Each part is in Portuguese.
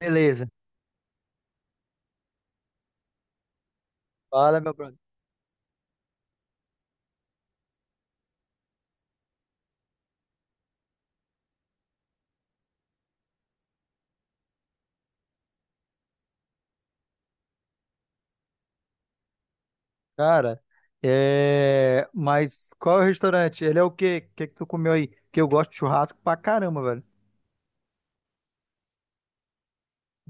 Beleza. Fala, meu brother. Cara, mas qual é o restaurante? Ele é o quê? O que é que tu comeu aí? Porque eu gosto de churrasco pra caramba, velho.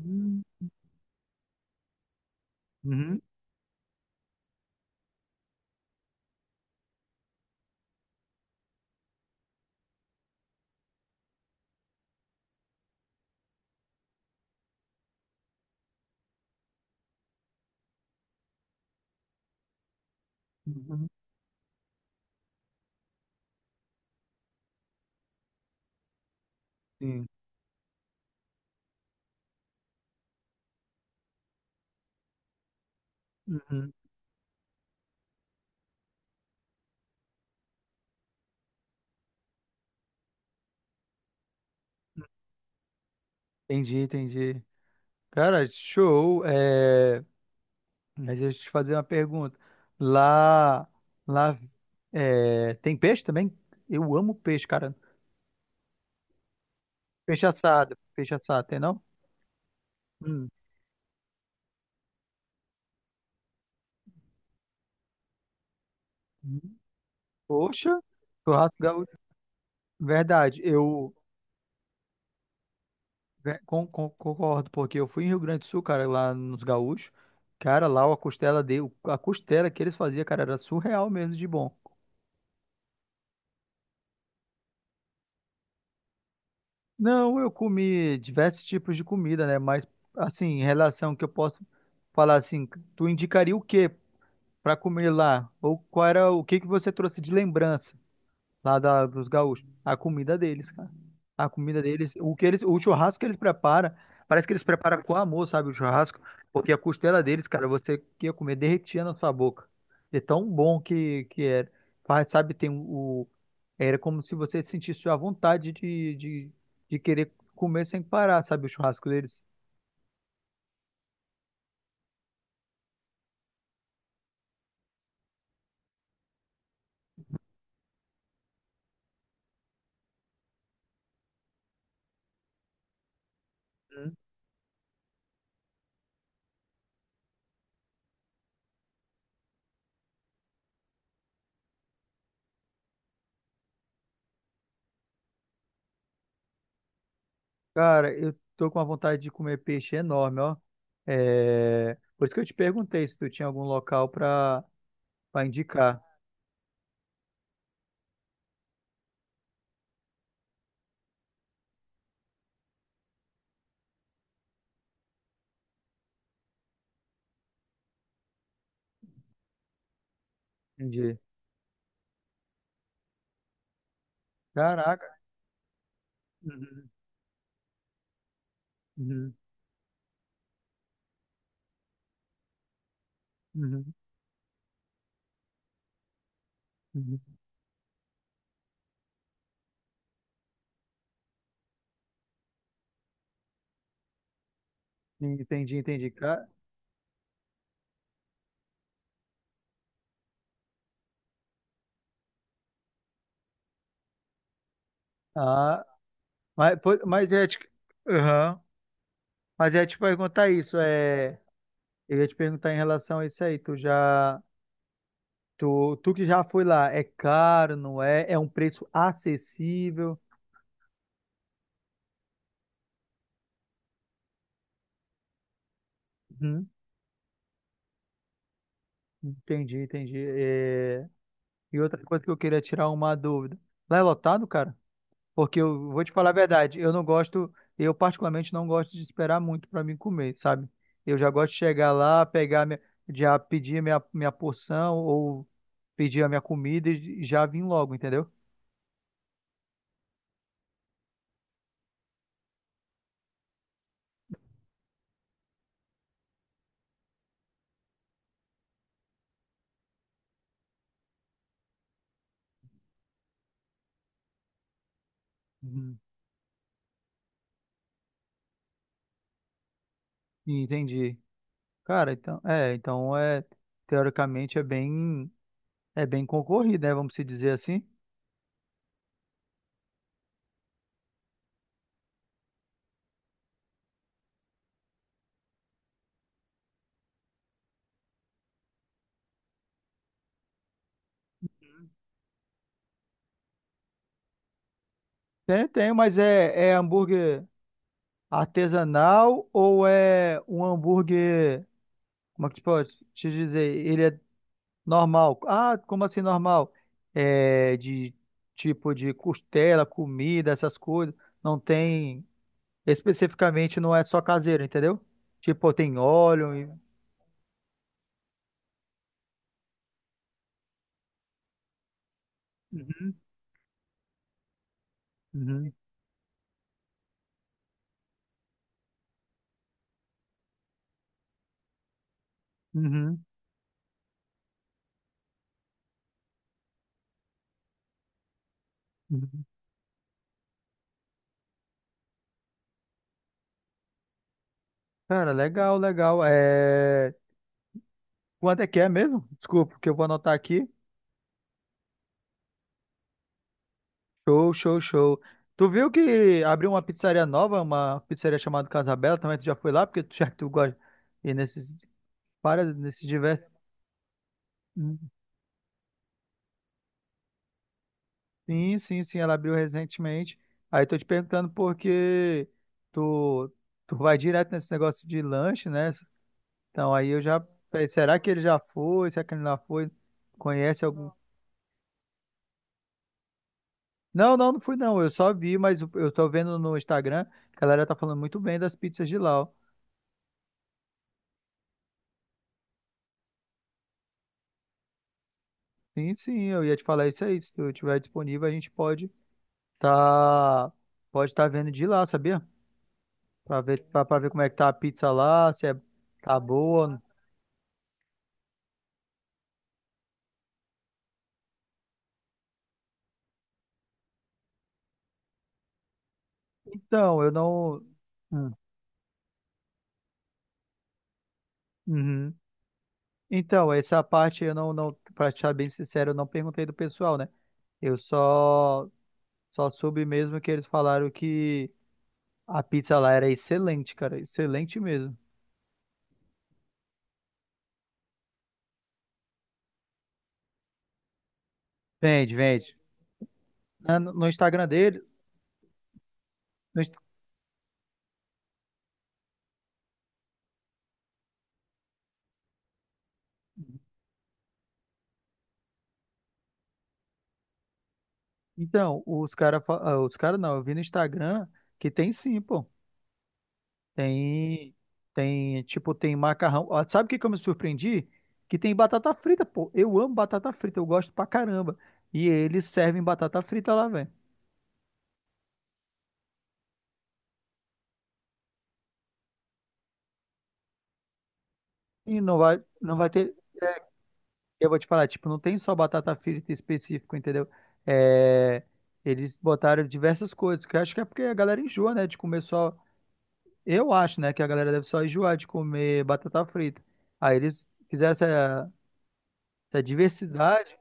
Hum. Uhum. Uhum. Sim. Uhum. Entendi, entendi. Cara, show. Mas deixa eu te fazer uma pergunta. Lá, lá, tem peixe também? Eu amo peixe, cara. Peixe assado. Peixe assado, tem não? Hum. Hum. Poxa, churrasco gaúcho. Verdade, Concordo, porque eu fui em Rio Grande do Sul, cara, lá nos Gaúchos. Cara, lá a costela de, a costela que eles faziam, cara, era surreal mesmo de bom. Não, eu comi diversos tipos de comida, né? Mas assim, em relação que eu posso falar assim, tu indicaria o quê pra comer lá? Ou qual era o que que você trouxe de lembrança? Dos gaúchos. A comida deles, cara. A comida deles, o que eles, o churrasco que eles preparam, parece que eles preparam com amor, sabe, o churrasco, porque a costela deles, cara, você que ia comer derretia na sua boca. De tão bom que era. Faz, sabe, tem o era como se você sentisse a vontade de querer comer sem parar, sabe, o churrasco deles. Hum. Cara, eu tô com uma vontade de comer peixe enorme, ó. É, por isso que eu te perguntei se tu tinha algum local pra para indicar. Entendi. Caraca. Uhum, uhum, uhum, uhum. Entendi, entendi. Ah, mas, pô, mas é tipo, mas é te perguntar isso, é, eu ia te perguntar em relação a isso aí, tu que já foi lá, é caro, não é? É um preço acessível? Uhum, entendi, entendi. É, e outra coisa que eu queria tirar uma dúvida, lá é lotado, cara? Porque eu vou te falar a verdade, eu particularmente não gosto de esperar muito para mim comer, sabe? Eu já gosto de chegar lá, pegar minha, já pedir minha porção ou pedir a minha comida e já vim logo, entendeu? Uhum. Entendi. Cara, então é, teoricamente é bem, é bem concorrido, né? Vamos se dizer assim. Tem, tem, mas é hambúrguer artesanal ou é um hambúrguer, como é que pode te dizer? Ele é normal. Ah, como assim normal? É de tipo de costela, comida, essas coisas. Não tem. Especificamente não é só caseiro, entendeu? Tipo, tem óleo. Uhum, uhum, uhum, uhum. Cara, legal, legal. Quanto é que é mesmo? Desculpa, que eu vou anotar aqui. Show, show, show. Tu viu que abriu uma pizzaria nova, uma pizzaria chamada Casabella, também tu já foi lá, porque tu já que tu gosta e nesses para nesses diversos. Uhum. Sim, sim, sim, ela abriu recentemente. Aí tô te perguntando porque tu, tu vai direto nesse negócio de lanche, né? Então aí eu já falei, será que ele já foi? Será que ele não foi? Conhece algum? Não, não, não fui não. Eu só vi, mas eu tô vendo no Instagram que a galera tá falando muito bem das pizzas de lá, ó. Sim, sim, eu ia te falar isso aí. Se tu tiver disponível, a gente pode tá pode estar vendo de lá, sabia? Pra ver como é que tá a pizza lá, se é, tá boa ou Então, eu não. Hum, uhum. Então, essa parte eu não, não, pra te ser bem sincero, eu não perguntei do pessoal, né? Eu só, só soube mesmo que eles falaram que a pizza lá era excelente, cara, excelente mesmo. Vende, vende. No Instagram dele, no Inst- então, os cara, fa- ah, os cara não, eu vi no Instagram que tem sim, pô. Tem, tem, tipo, tem macarrão. Ó, sabe o que que eu me surpreendi? Que tem batata frita, pô. Eu amo batata frita, eu gosto pra caramba. E eles servem batata frita lá, velho. E não vai ter, eu vou te falar, tipo, não tem só batata frita específico, entendeu? É, eles botaram diversas coisas, que eu acho que é porque a galera enjoa, né, de comer só. Eu acho, né, que a galera deve só enjoar de comer batata frita. Aí eles fizeram essa, essa diversidade.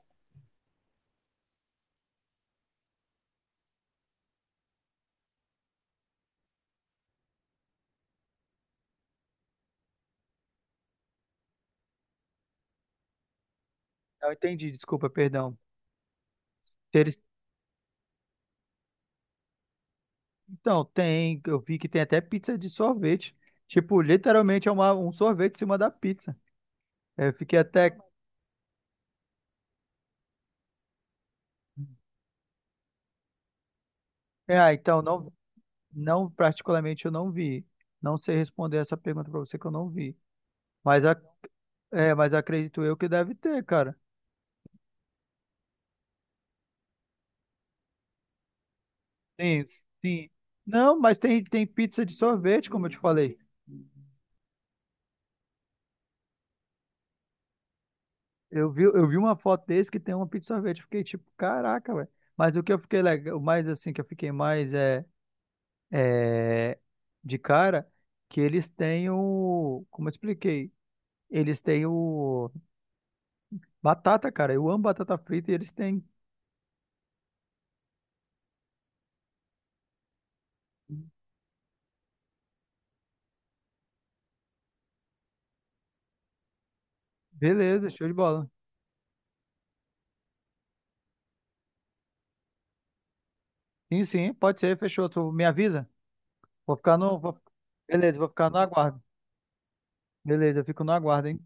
Eu entendi, desculpa, perdão. Se eles Então, tem, eu vi que tem até pizza de sorvete. Tipo, literalmente é um sorvete em cima da pizza. Eu fiquei até. Ah, então, não, particularmente eu não vi. Não sei responder essa pergunta pra você que eu não vi. Mas, a- mas acredito eu que deve ter, cara. Sim, sim. Não, mas tem, tem pizza de sorvete, como eu te falei. Eu vi uma foto desse que tem uma pizza de sorvete. Eu fiquei tipo, caraca, velho. Mas o que eu fiquei legal, o mais assim, que eu fiquei mais é. É, de cara que eles têm o. Como eu expliquei? Eles têm o. Batata, cara. Eu amo batata frita e eles têm. Beleza, show de bola. Sim, sim, pode ser, fechou. Tu me avisa? Vou ficar no. vou- Beleza, vou ficar no aguardo. Beleza, eu fico no aguardo, hein?